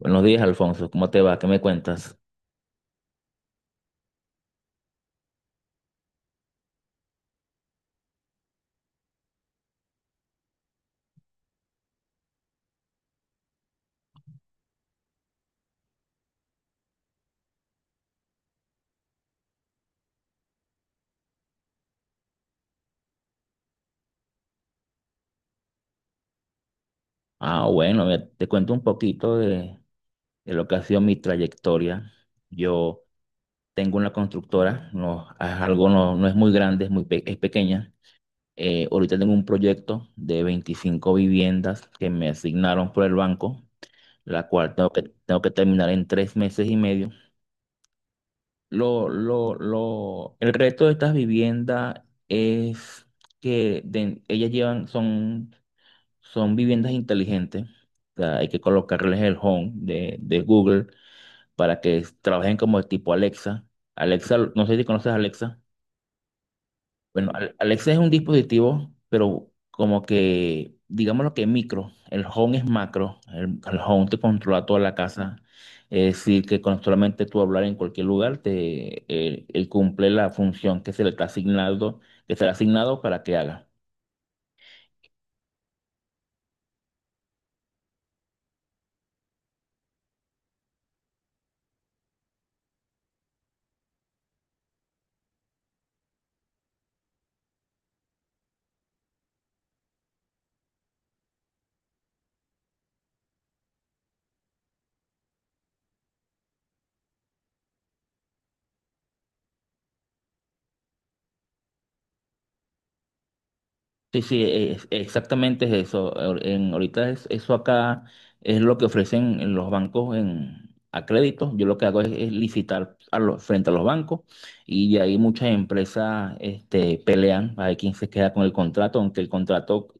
Buenos días, Alfonso. ¿Cómo te va? ¿Qué me cuentas? Ah, bueno, mira, te cuento un poquito de lo que ha sido mi trayectoria. Yo tengo una constructora, no, es algo no, no es muy grande, es pequeña. Ahorita tengo un proyecto de 25 viviendas que me asignaron por el banco, la cual tengo que terminar en 3 meses y medio. El reto de estas viviendas es que ellas llevan, son viviendas inteligentes. O sea, hay que colocarles el Home de Google para que trabajen como de tipo Alexa. Alexa, no sé si conoces Alexa. Bueno, Alexa es un dispositivo, pero como que, digamos, lo que es micro. El Home es macro. El Home te controla toda la casa. Es decir, que con solamente tú hablar en cualquier lugar, él cumple la función que se le está asignado, que se le ha asignado para que haga. Sí, sí, exactamente es eso. Eso acá es lo que ofrecen en los bancos a crédito. Yo lo que hago es licitar frente a los bancos, y de ahí muchas empresas, pelean a ver quién se queda con el contrato, aunque el contrato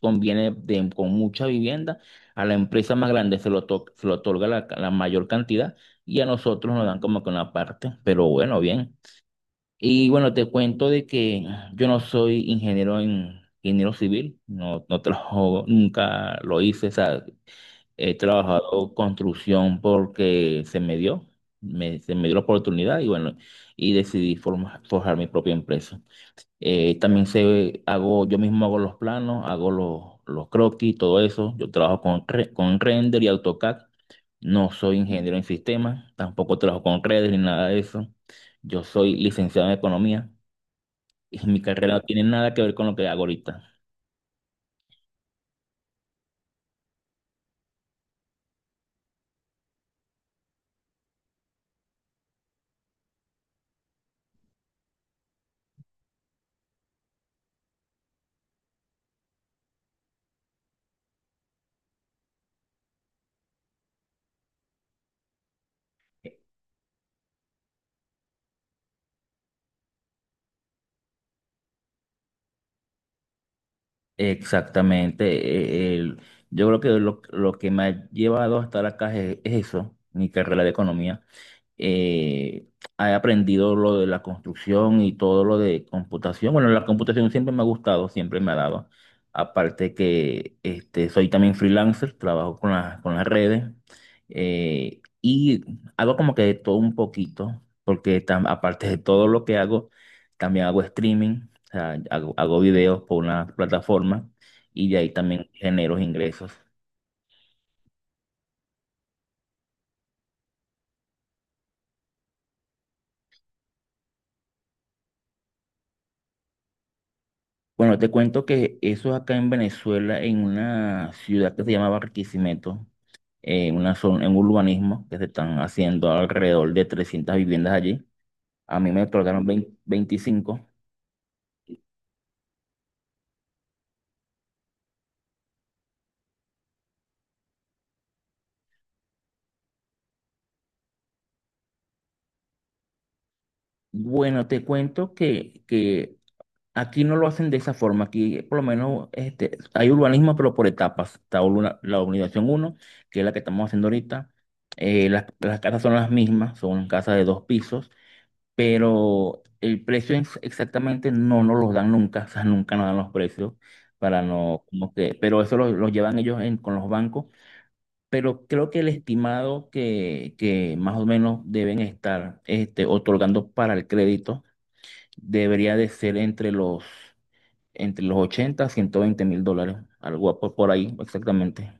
conviene con mucha vivienda. A la empresa más grande se lo otorga la mayor cantidad, y a nosotros nos dan como que una parte. Pero bueno, bien. Y bueno, te cuento de que yo no soy ingeniero, en ingeniero civil, no, no trabajo, nunca lo hice. O sea, he trabajado construcción porque se me dio, se me dio la oportunidad y bueno, y decidí forjar mi propia empresa. También yo mismo hago los planos, hago los croquis, todo eso. Yo trabajo con render y AutoCAD. No soy ingeniero en sistemas, tampoco trabajo con redes ni nada de eso. Yo soy licenciado en economía. Y Mi carrera no tiene nada que ver con lo que hago ahorita. Exactamente. Yo creo que lo que me ha llevado a estar acá es eso, mi carrera de economía. Eh, He aprendido lo de la construcción y todo lo de computación. Bueno, la computación siempre me ha gustado, siempre me ha dado. Aparte que, soy también freelancer, trabajo con las redes, y hago como que de todo un poquito, porque aparte de todo lo que hago, también hago streaming. O sea, hago videos por una plataforma y de ahí también genero ingresos. Bueno, te cuento que eso acá en Venezuela, en una ciudad que se llama Barquisimeto, en una zona, en un urbanismo que se están haciendo alrededor de 300 viviendas allí. A mí me otorgaron veinte 25. Bueno, te cuento que aquí no lo hacen de esa forma. Aquí, por lo menos, hay urbanismo, pero por etapas. La urbanización uno, que es la que estamos haciendo ahorita. Las casas son las mismas, son casas de dos pisos, pero el precio exactamente no nos los dan nunca. O sea, nunca nos dan los precios para no, como que, pero eso lo llevan ellos con los bancos. Pero creo que el estimado que más o menos deben estar, otorgando para el crédito, debería de ser entre los 80 a 120.000 dólares, algo por ahí exactamente.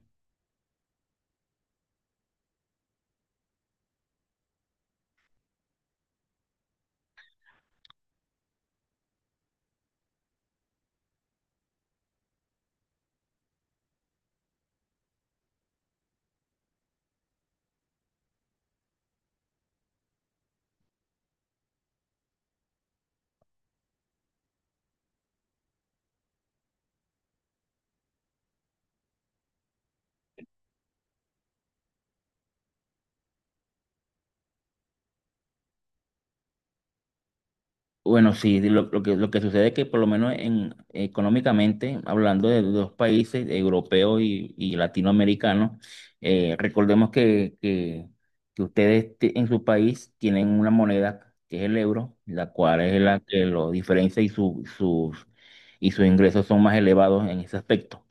Bueno, sí, lo que sucede es que por lo menos económicamente, hablando de dos países, europeos y latinoamericanos, recordemos que ustedes en su país tienen una moneda que es el euro, la cual es la que lo diferencia, y sus ingresos son más elevados en ese aspecto.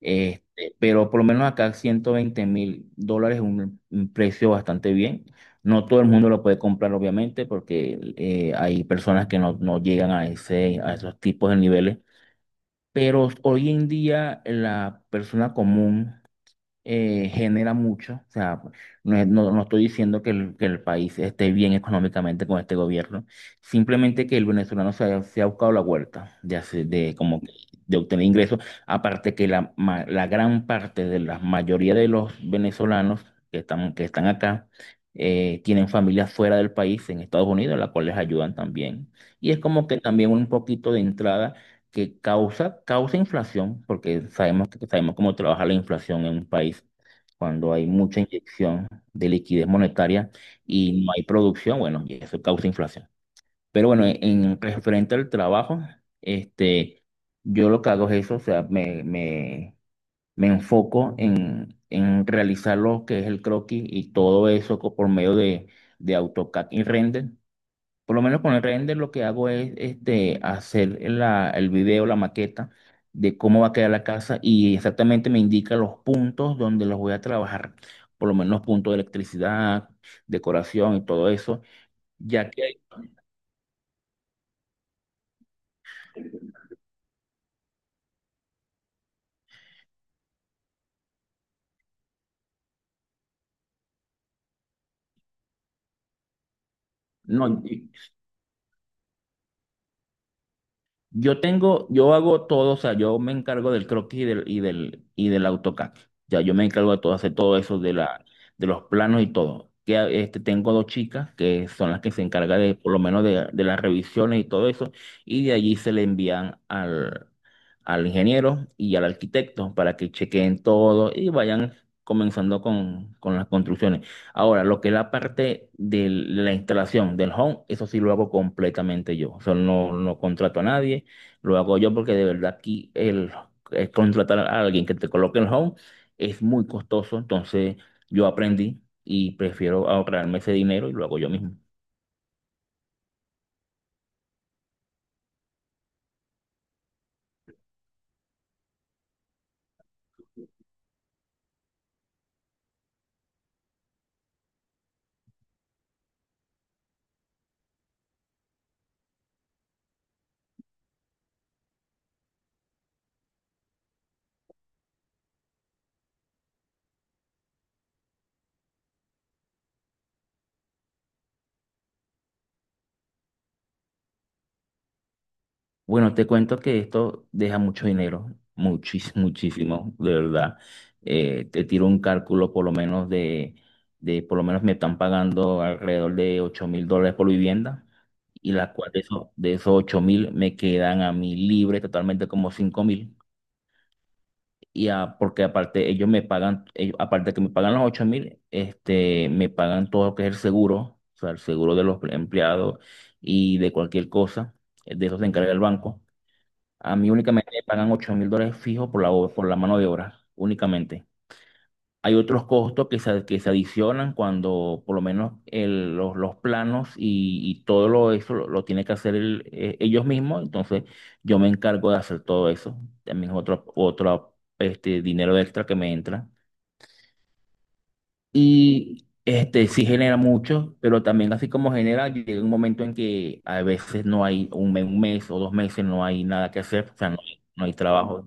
Pero por lo menos acá 120 mil dólares es un precio bastante bien. No todo el mundo lo puede comprar, obviamente, porque hay personas que no llegan a ese, a esos tipos de niveles. Pero hoy en día la persona común genera mucho. O sea, no estoy diciendo que el país esté bien económicamente con este gobierno, simplemente que el venezolano se ha, buscado la vuelta de, hacer- de, como que- de obtener ingresos. Aparte que la gran parte de la mayoría de los venezolanos que están acá tienen familias fuera del país, en Estados Unidos, las cuales ayudan también. Y es como que también un poquito de entrada que causa inflación, porque sabemos cómo trabaja la inflación en un país cuando hay mucha inyección de liquidez monetaria y no hay producción, bueno, y eso causa inflación. Pero bueno, en referente al trabajo, este, yo lo que hago es eso. O sea, me enfoco en realizar lo que es el croquis y todo eso por medio de AutoCAD y Render. Por lo menos con el render, lo que hago es, hacer el video, la maqueta de cómo va a quedar la casa, y exactamente me indica los puntos donde los voy a trabajar. Por lo menos puntos de electricidad, decoración y todo eso. Ya que, no, Yo tengo, yo hago todo. O sea, yo me encargo del croquis y del AutoCAD. Ya, yo me encargo de todo, hacer todo eso de los planos y todo. Tengo dos chicas que son las que se encargan de, por lo menos, de las revisiones y todo eso. Y de allí se le envían al ingeniero y al arquitecto para que chequeen todo y vayan comenzando con las construcciones. Ahora, lo que es la parte de la instalación del home, eso sí lo hago completamente yo. O sea, no contrato a nadie. Lo hago yo porque de verdad aquí el contratar a alguien que te coloque el home es muy costoso. Entonces yo aprendí y prefiero ahorrarme ese dinero y lo hago yo mismo. Bueno, te cuento que esto deja mucho dinero, muchísimo, muchísimo, de verdad. Te tiro un cálculo por lo menos por lo menos me están pagando alrededor de 8.000 dólares por vivienda, y la cual de esos 8.000 me quedan a mí libre totalmente como 5.000. Porque aparte ellos me pagan, aparte de que me pagan los 8.000, me pagan todo lo que es el seguro, o sea, el seguro de los empleados y de cualquier cosa, de eso se encarga el banco. A mí únicamente me pagan 8.000 dólares fijos por la mano de obra, únicamente. Hay otros costos que se adicionan cuando por lo menos los planos y todo lo, eso lo tiene que hacer ellos mismos. Entonces yo me encargo de hacer todo eso. También es otro dinero extra que me entra. Y este sí genera mucho, pero también así como genera, llega un momento en que a veces no hay un mes o 2 meses, no hay nada que hacer. O sea, no hay trabajo.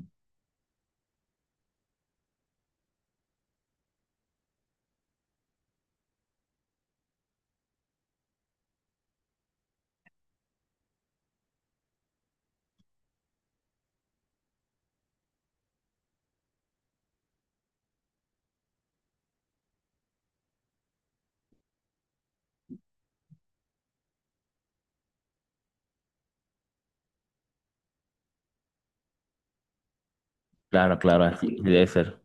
Claro, claro, así debe ser.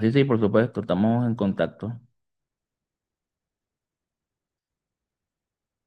Sí, sí, por supuesto, estamos en contacto.